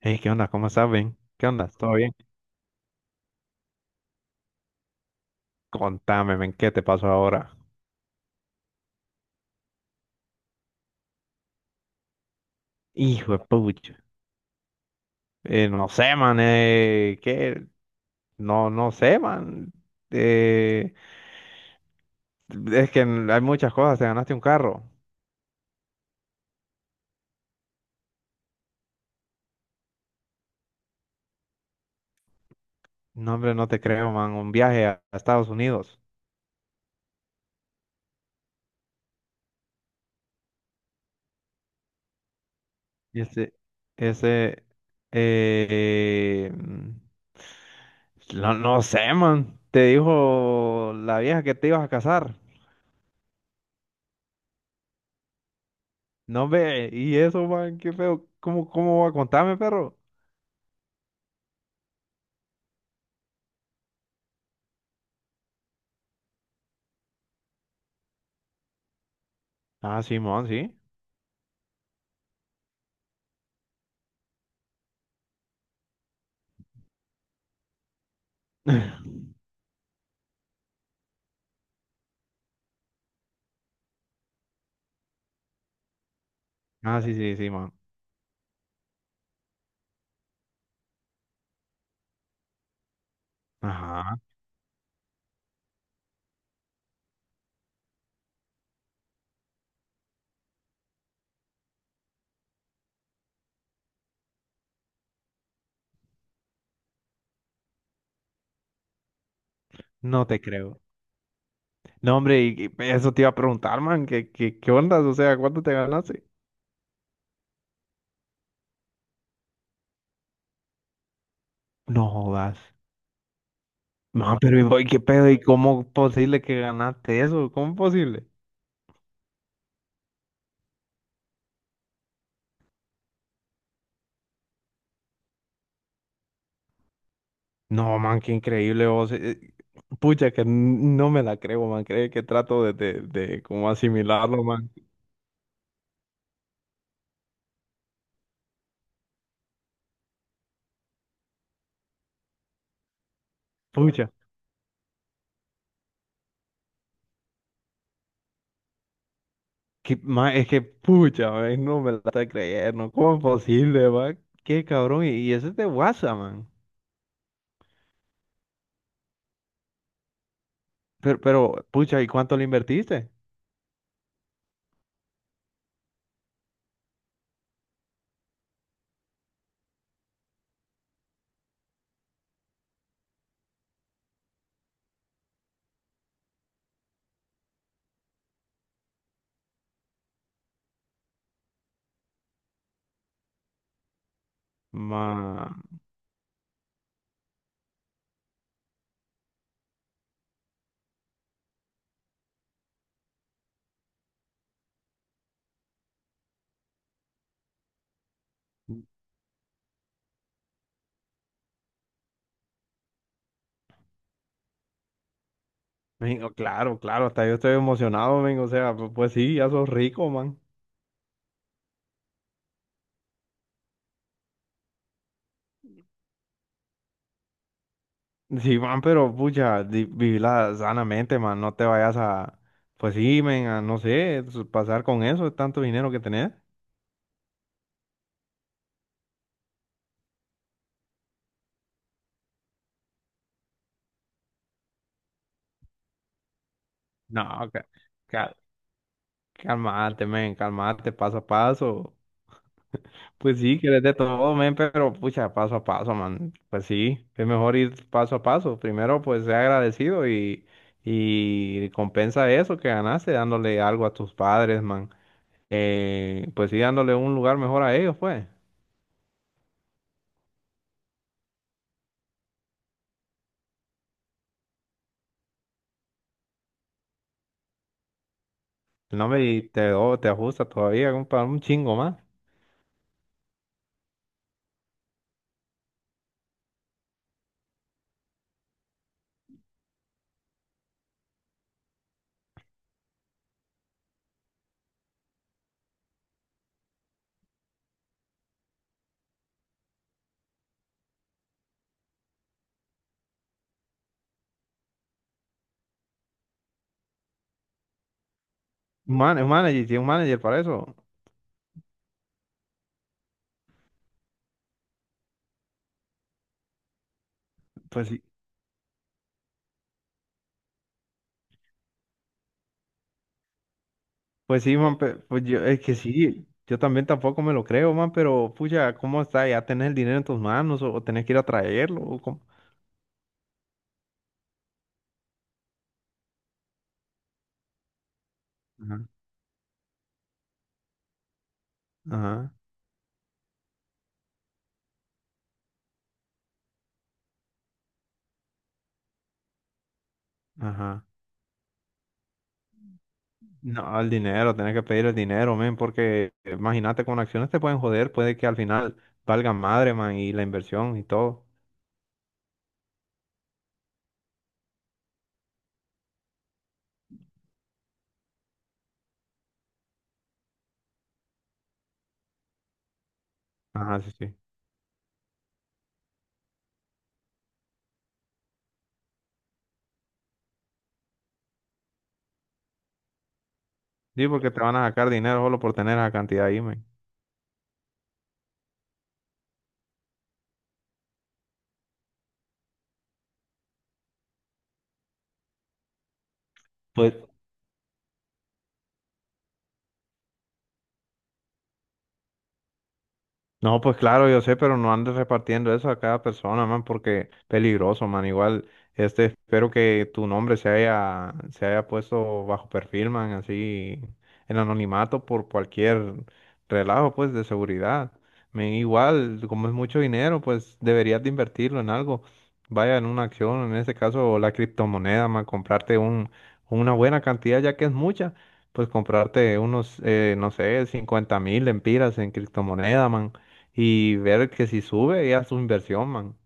Hey, ¿qué onda? ¿Cómo estás, Ben? ¿Qué onda? ¿Todo bien? Contame, men, ¿qué te pasó ahora? Hijo de pucha. No sé, man, ¿qué? No, no sé, man. Eh, es que hay muchas cosas, te ganaste un carro. No, hombre, no te creo, man, un viaje a Estados Unidos. Ese, ese, eh, mm, no, no sé, man. Te dijo la vieja que te ibas a casar. No, ve, y eso, man, qué feo. ¿Cómo va? Contame, perro. Ah, Simón, sí. Ah, sí, sí, sí, man. Ajá, no te creo. No, hombre, y eso te iba a preguntar, man, ¿qué ondas? O sea, ¿cuánto te ganaste? No jodas. Man, pero ¿y voy, qué pedo? ¿Y cómo posible que ganaste eso? ¿Cómo posible? No, man, qué increíble vos. Pucha, que no me la creo, man. Cree que trato de como asimilarlo, man. Pucha. Es que, pucha, man, no me la está creyendo. ¿Cómo es posible, man? Qué cabrón. Y ese es de WhatsApp, man. Pucha, ¿y cuánto le invertiste? Ma, Men, oh, claro, claro, hasta yo estoy emocionado, men. O sea, pues, sí, ya sos rico, man. Sí, man, pero, pucha, vivila sanamente, man. No te vayas a, pues sí, men, a, no sé, pasar con eso, tanto dinero que tenés. No, ca- ca- calmate, men, calmate, paso a paso. Pues sí, que de todo, men, pero pucha, paso a paso, man. Pues sí, es mejor ir paso a paso. Primero, pues sea agradecido y compensa eso que ganaste dándole algo a tus padres, man. Pues sí, dándole un lugar mejor a ellos, pues. No me te, te ajusta todavía un chingo más. Un manager, sí, un manager para eso. Pues sí, man, pues yo, es que sí. Yo también tampoco me lo creo, man, pero pucha, ¿cómo está? ¿Ya tenés el dinero en tus manos o tenés que ir a traerlo? ¿O cómo? Ajá, ajá. No, el dinero, tenés que pedir el dinero, men, porque imagínate, con acciones te pueden joder, puede que al final valga madre, man, y la inversión y todo. Ajá, sí, sí. Sí, porque te van a sacar dinero solo por tener esa cantidad ahí, men. Pues no, pues claro, yo sé, pero no andes repartiendo eso a cada persona, man, porque peligroso, man. Igual, este, espero que tu nombre se haya puesto bajo perfil, man, así, en anonimato por cualquier relajo, pues, de seguridad. Igual, como es mucho dinero, pues, deberías de invertirlo en algo. Vaya en una acción, en este caso, la criptomoneda, man, comprarte una buena cantidad, ya que es mucha, pues, comprarte unos, no sé, 50 mil lempiras en criptomoneda, man, y ver que si sube ya su inversión, man.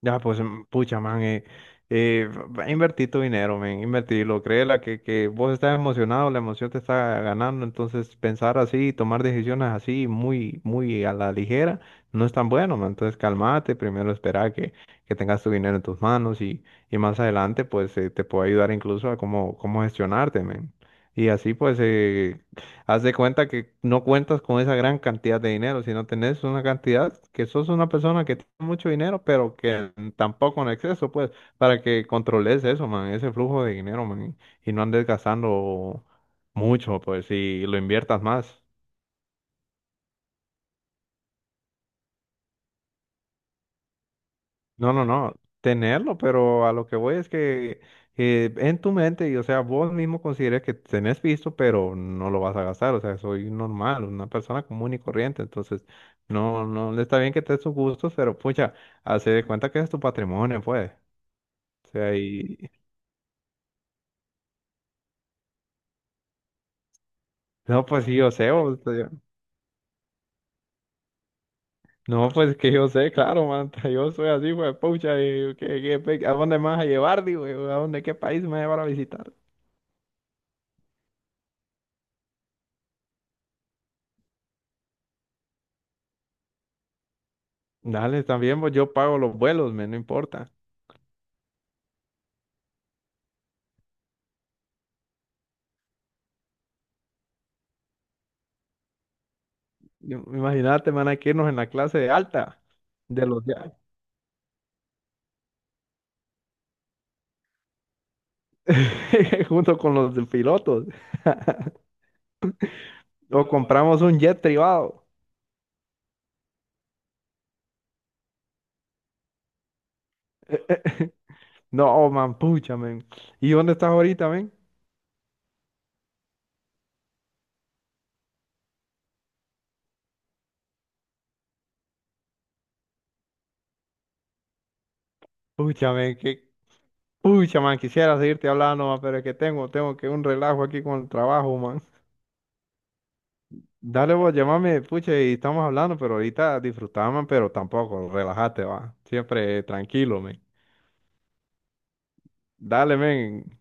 Ya, pues, pucha, man, eh, invertí tu dinero, man, invertirlo. Créela que vos estás emocionado, la emoción te está ganando, entonces pensar así, tomar decisiones así, muy, muy a la ligera, no es tan bueno, man. Entonces, calmate, primero espera que tengas tu dinero en tus manos y más adelante, pues, te puede ayudar incluso a cómo gestionarte, man. Y así, pues, haz de cuenta que no cuentas con esa gran cantidad de dinero, sino tenés una cantidad que sos una persona que tiene mucho dinero, pero que tampoco en exceso, pues, para que controles eso, man, ese flujo de dinero, man, y no andes gastando mucho, pues, y lo inviertas más. No, no, no, tenerlo, pero a lo que voy es que en tu mente, y o sea, vos mismo consideres que tenés visto, pero no lo vas a gastar, o sea, soy normal, una persona común y corriente, entonces, no, no, no está bien que te des tus gustos, pero pucha, hace de cuenta que es tu patrimonio, pues, o sea, y, no, pues sí, yo sé, o sea, no, pues que yo sé, claro, manta, yo soy así, pues, pucha, ¿a dónde me vas a llevar, digo, yo? ¿A dónde, qué país me vas a llevar a visitar? Dale, también, pues yo pago los vuelos, me no importa. Imagínate, van a que irnos en la clase de alta, de los ya- junto con los de pilotos. O compramos un jet privado. No, man, pucha, man. ¿Y dónde estás ahorita, man? Pucha, man, quisiera seguirte hablando, man, pero es que tengo que un relajo aquí con el trabajo, man. Dale vos, llámame pucha, y estamos hablando, pero ahorita disfrutá, man, pero tampoco, relájate, va. Siempre tranquilo, man. Dale, man.